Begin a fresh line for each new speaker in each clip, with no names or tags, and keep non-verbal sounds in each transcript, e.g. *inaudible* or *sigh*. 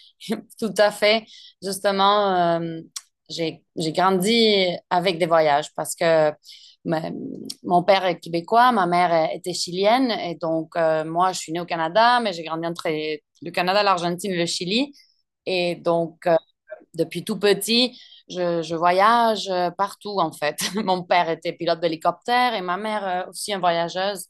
*laughs* Tout à fait. Justement, j'ai grandi avec des voyages parce que ma- mon père est québécois, ma mère était chilienne et donc moi, je suis née au Canada, mais j'ai grandi entre le Canada, l'Argentine et le Chili. Et donc, depuis tout petit, je voyage partout en fait. *laughs* Mon père était pilote d'hélicoptère et ma mère aussi une voyageuse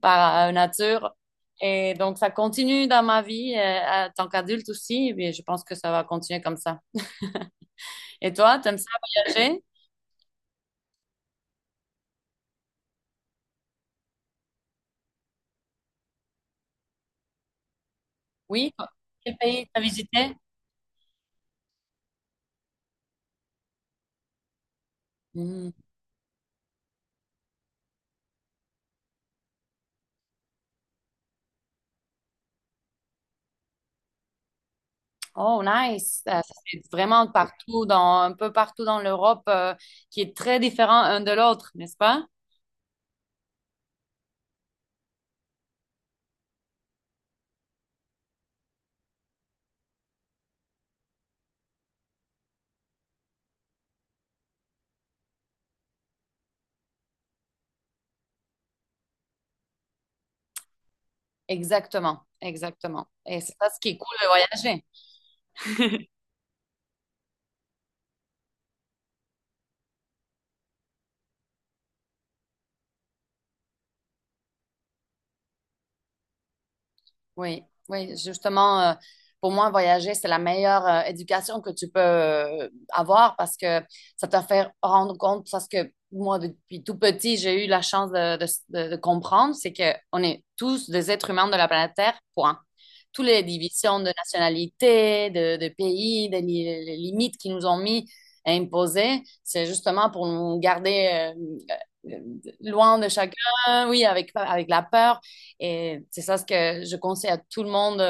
par nature. Et donc, ça continue dans ma vie, en tant qu'adulte aussi, et je pense que ça va continuer comme ça. Et toi, t'aimes ça voyager? Oui? Quel pays t'as visité? Hmm. Oh, nice. C'est vraiment partout, dans, un peu partout dans l'Europe, qui est très différent un de l'autre, n'est-ce pas? Exactement, exactement. Et c'est ça ce qui est cool de voyager. Oui, oui, justement, pour moi, voyager, c'est la meilleure éducation que tu peux avoir parce que ça te fait rendre compte, parce que moi, depuis tout petit, j'ai eu la chance de comprendre, c'est que on est tous des êtres humains de la planète Terre, point. Toutes les divisions de nationalité, de pays, les limites qui nous ont mis à imposer, c'est justement pour nous garder loin de chacun, oui, avec la peur et c'est ça ce que je conseille à tout le monde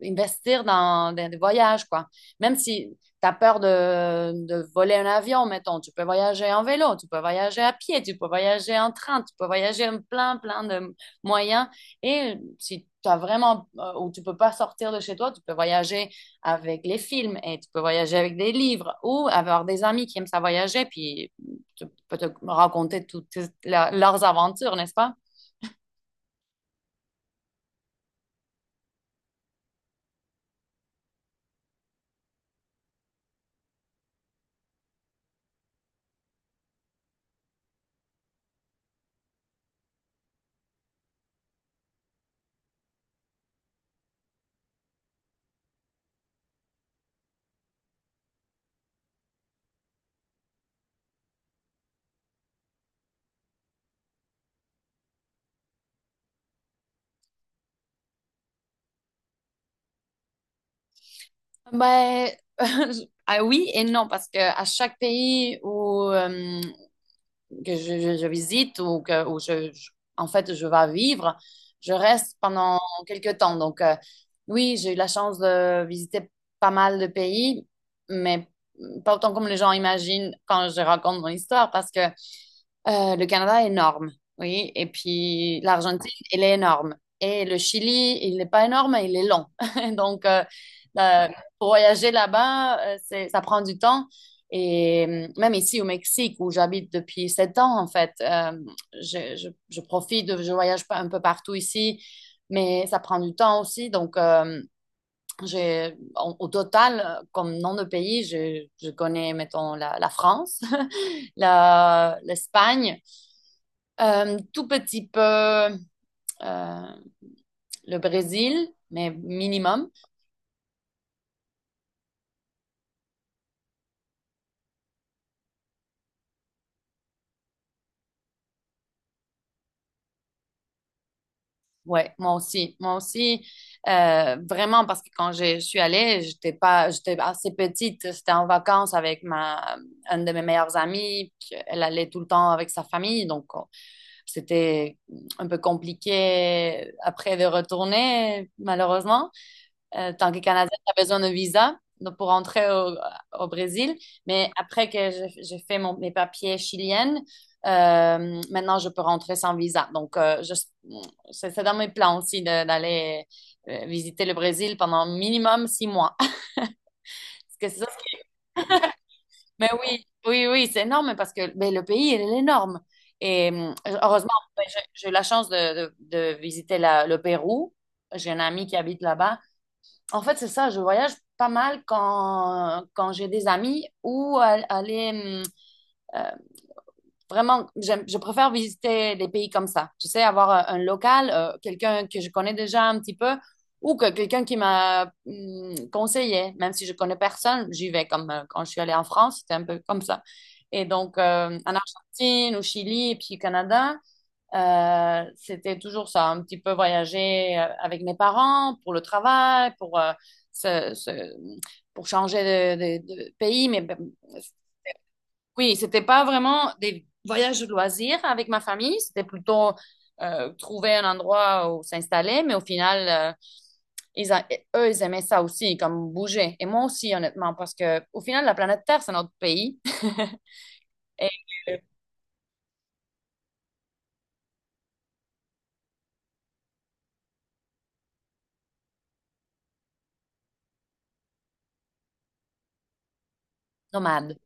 d'investir dans, des voyages, quoi. Même si tu as peur de voler un avion, mettons, tu peux voyager en vélo, tu peux voyager à pied, tu peux voyager en train, tu peux voyager en plein, plein de moyens. Et si tu as vraiment, ou tu peux pas sortir de chez toi, tu peux voyager avec les films et tu peux voyager avec des livres ou avoir des amis qui aiment ça voyager, puis tu peux te raconter toutes leurs aventures, n'est-ce pas? Ben, *laughs* ah oui et non, parce que à chaque pays où, que je visite ou que où en fait je vais vivre, je reste pendant quelques temps. Donc oui, j'ai eu la chance de visiter pas mal de pays, mais pas autant comme les gens imaginent quand je raconte mon histoire, parce que le Canada est énorme, oui. Et puis l'Argentine, elle est énorme. Et le Chili, il n'est pas énorme, il est long. *laughs* Donc, la- pour voyager là-bas, ça prend du temps. Et même ici au Mexique, où j'habite depuis 7 ans, en fait, je profite, je voyage pas un peu partout ici, mais ça prend du temps aussi. Donc, j'ai, au total, comme nom de pays, je connais, mettons, la France, *laughs* l'Espagne. Tout petit peu le Brésil, mais minimum. Ouais, moi aussi, moi aussi. Vraiment, parce que quand je suis allée, j'étais pas, j'étais assez petite. C'était en vacances avec un de mes meilleurs amis. Puis elle allait tout le temps avec sa famille, donc c'était un peu compliqué après de retourner, malheureusement. Tant que Canadien, tu besoin d'un visa donc, pour entrer au, Brésil. Mais après que j'ai fait mes papiers chiliennes, maintenant, je peux rentrer sans visa. Donc, c'est dans mes plans aussi d'aller visiter le Brésil pendant minimum 6 mois. *laughs* Parce que c'est ça, mais oui, oui, oui, c'est énorme parce que ben, le pays, il est énorme. Et heureusement, ben, j'ai eu la chance de visiter le Pérou. J'ai un ami qui habite là-bas. En fait, c'est ça, je voyage pas mal quand j'ai des amis ou aller euh, vraiment, je préfère visiter des pays comme ça. Tu sais, avoir un local, quelqu'un que je connais déjà un petit peu ou que quelqu'un qui m'a conseillé. Même si je connais personne, j'y vais comme quand je suis allée en France, c'était un peu comme ça. Et donc, en Argentine, au Chili, et puis au Canada. C'était toujours ça, un petit peu voyager avec mes parents pour le travail, se- se- pour changer de pays. Mais ben, oui, c'était pas vraiment des voyages de loisirs avec ma famille, c'était plutôt trouver un endroit où s'installer. Mais au final, ils a- eux, ils aimaient ça aussi, comme bouger. Et moi aussi, honnêtement, parce que au final, la planète Terre, c'est notre pays. *laughs* Et euh, nomade.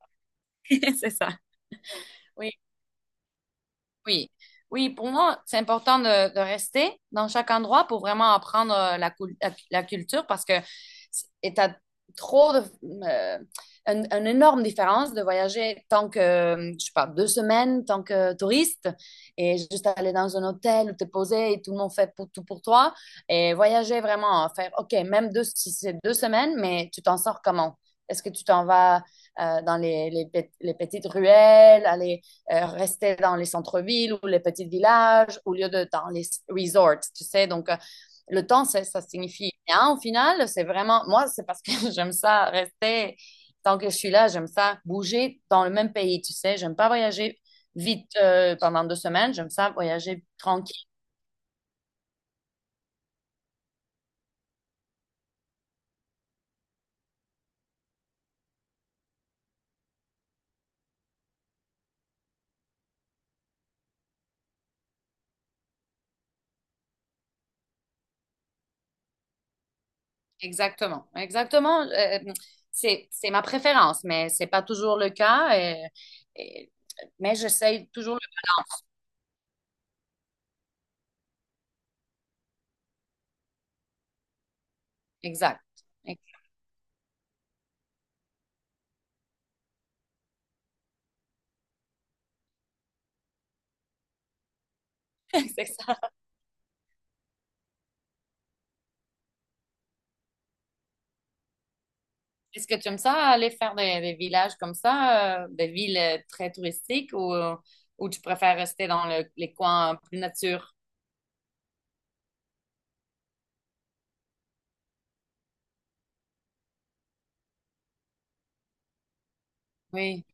*laughs* C'est ça. Oui. Oui, oui, pour moi, c'est important de rester dans chaque endroit pour vraiment apprendre la culture parce que et t'as trop euh, une énorme différence de voyager tant que, je sais pas, 2 semaines, tant que touriste et juste aller dans un hôtel où t'es posé et tout le monde fait pour, tout pour toi et voyager vraiment, hein, faire, OK, même deux, si c'est 2 semaines, mais tu t'en sors comment? Est-ce que tu t'en vas dans les petites ruelles, aller rester dans les centres-villes ou les petits villages au lieu de dans les resorts, tu sais. Donc, le temps, ça signifie rien au final. C'est vraiment, moi, c'est parce que *laughs* j'aime ça rester, tant que je suis là, j'aime ça bouger dans le même pays, tu sais. J'aime pas voyager vite pendant 2 semaines, j'aime ça voyager tranquille. Exactement, exactement. C'est ma préférence, mais c'est pas toujours le cas. Et- mais j'essaye toujours le... Exact. *laughs* C'est ça. Est-ce que tu aimes ça aller faire des villages comme ça, des villes très touristiques ou tu préfères rester dans les coins plus nature? Oui,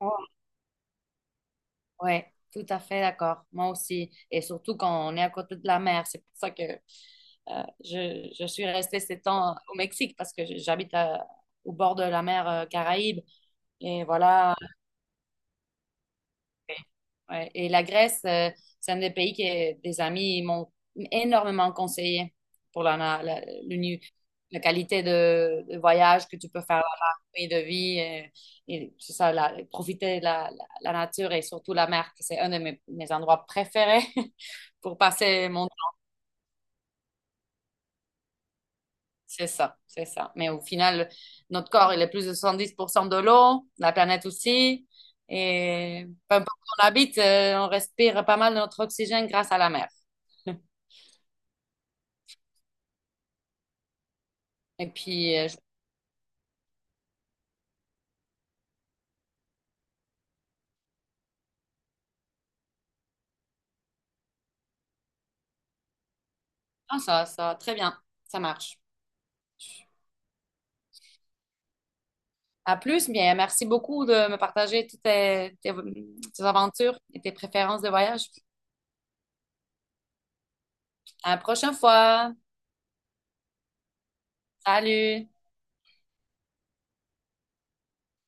oh, ouais, tout à fait d'accord. Moi aussi. Et surtout quand on est à côté de la mer. C'est pour ça que je suis restée 7 ans au Mexique parce que j'habite au bord de la mer Caraïbe. Et voilà, ouais. Et la Grèce, c'est un des pays que des amis m'ont énormément conseillé pour l'uni- la qualité de voyage que tu peux faire là-bas, et de vie, et c'est ça, profiter de la nature et surtout la mer, que c'est un de mes endroits préférés *laughs* pour passer mon temps. C'est ça, c'est ça. Mais au final, notre corps, il est plus de 70% de l'eau, la planète aussi, et peu importe où on habite, on respire pas mal de notre oxygène grâce à la mer. Et puis, ah, ça, très bien, ça marche. À plus, bien, merci beaucoup de me partager toutes tes aventures et tes préférences de voyage. À la prochaine fois. Salut!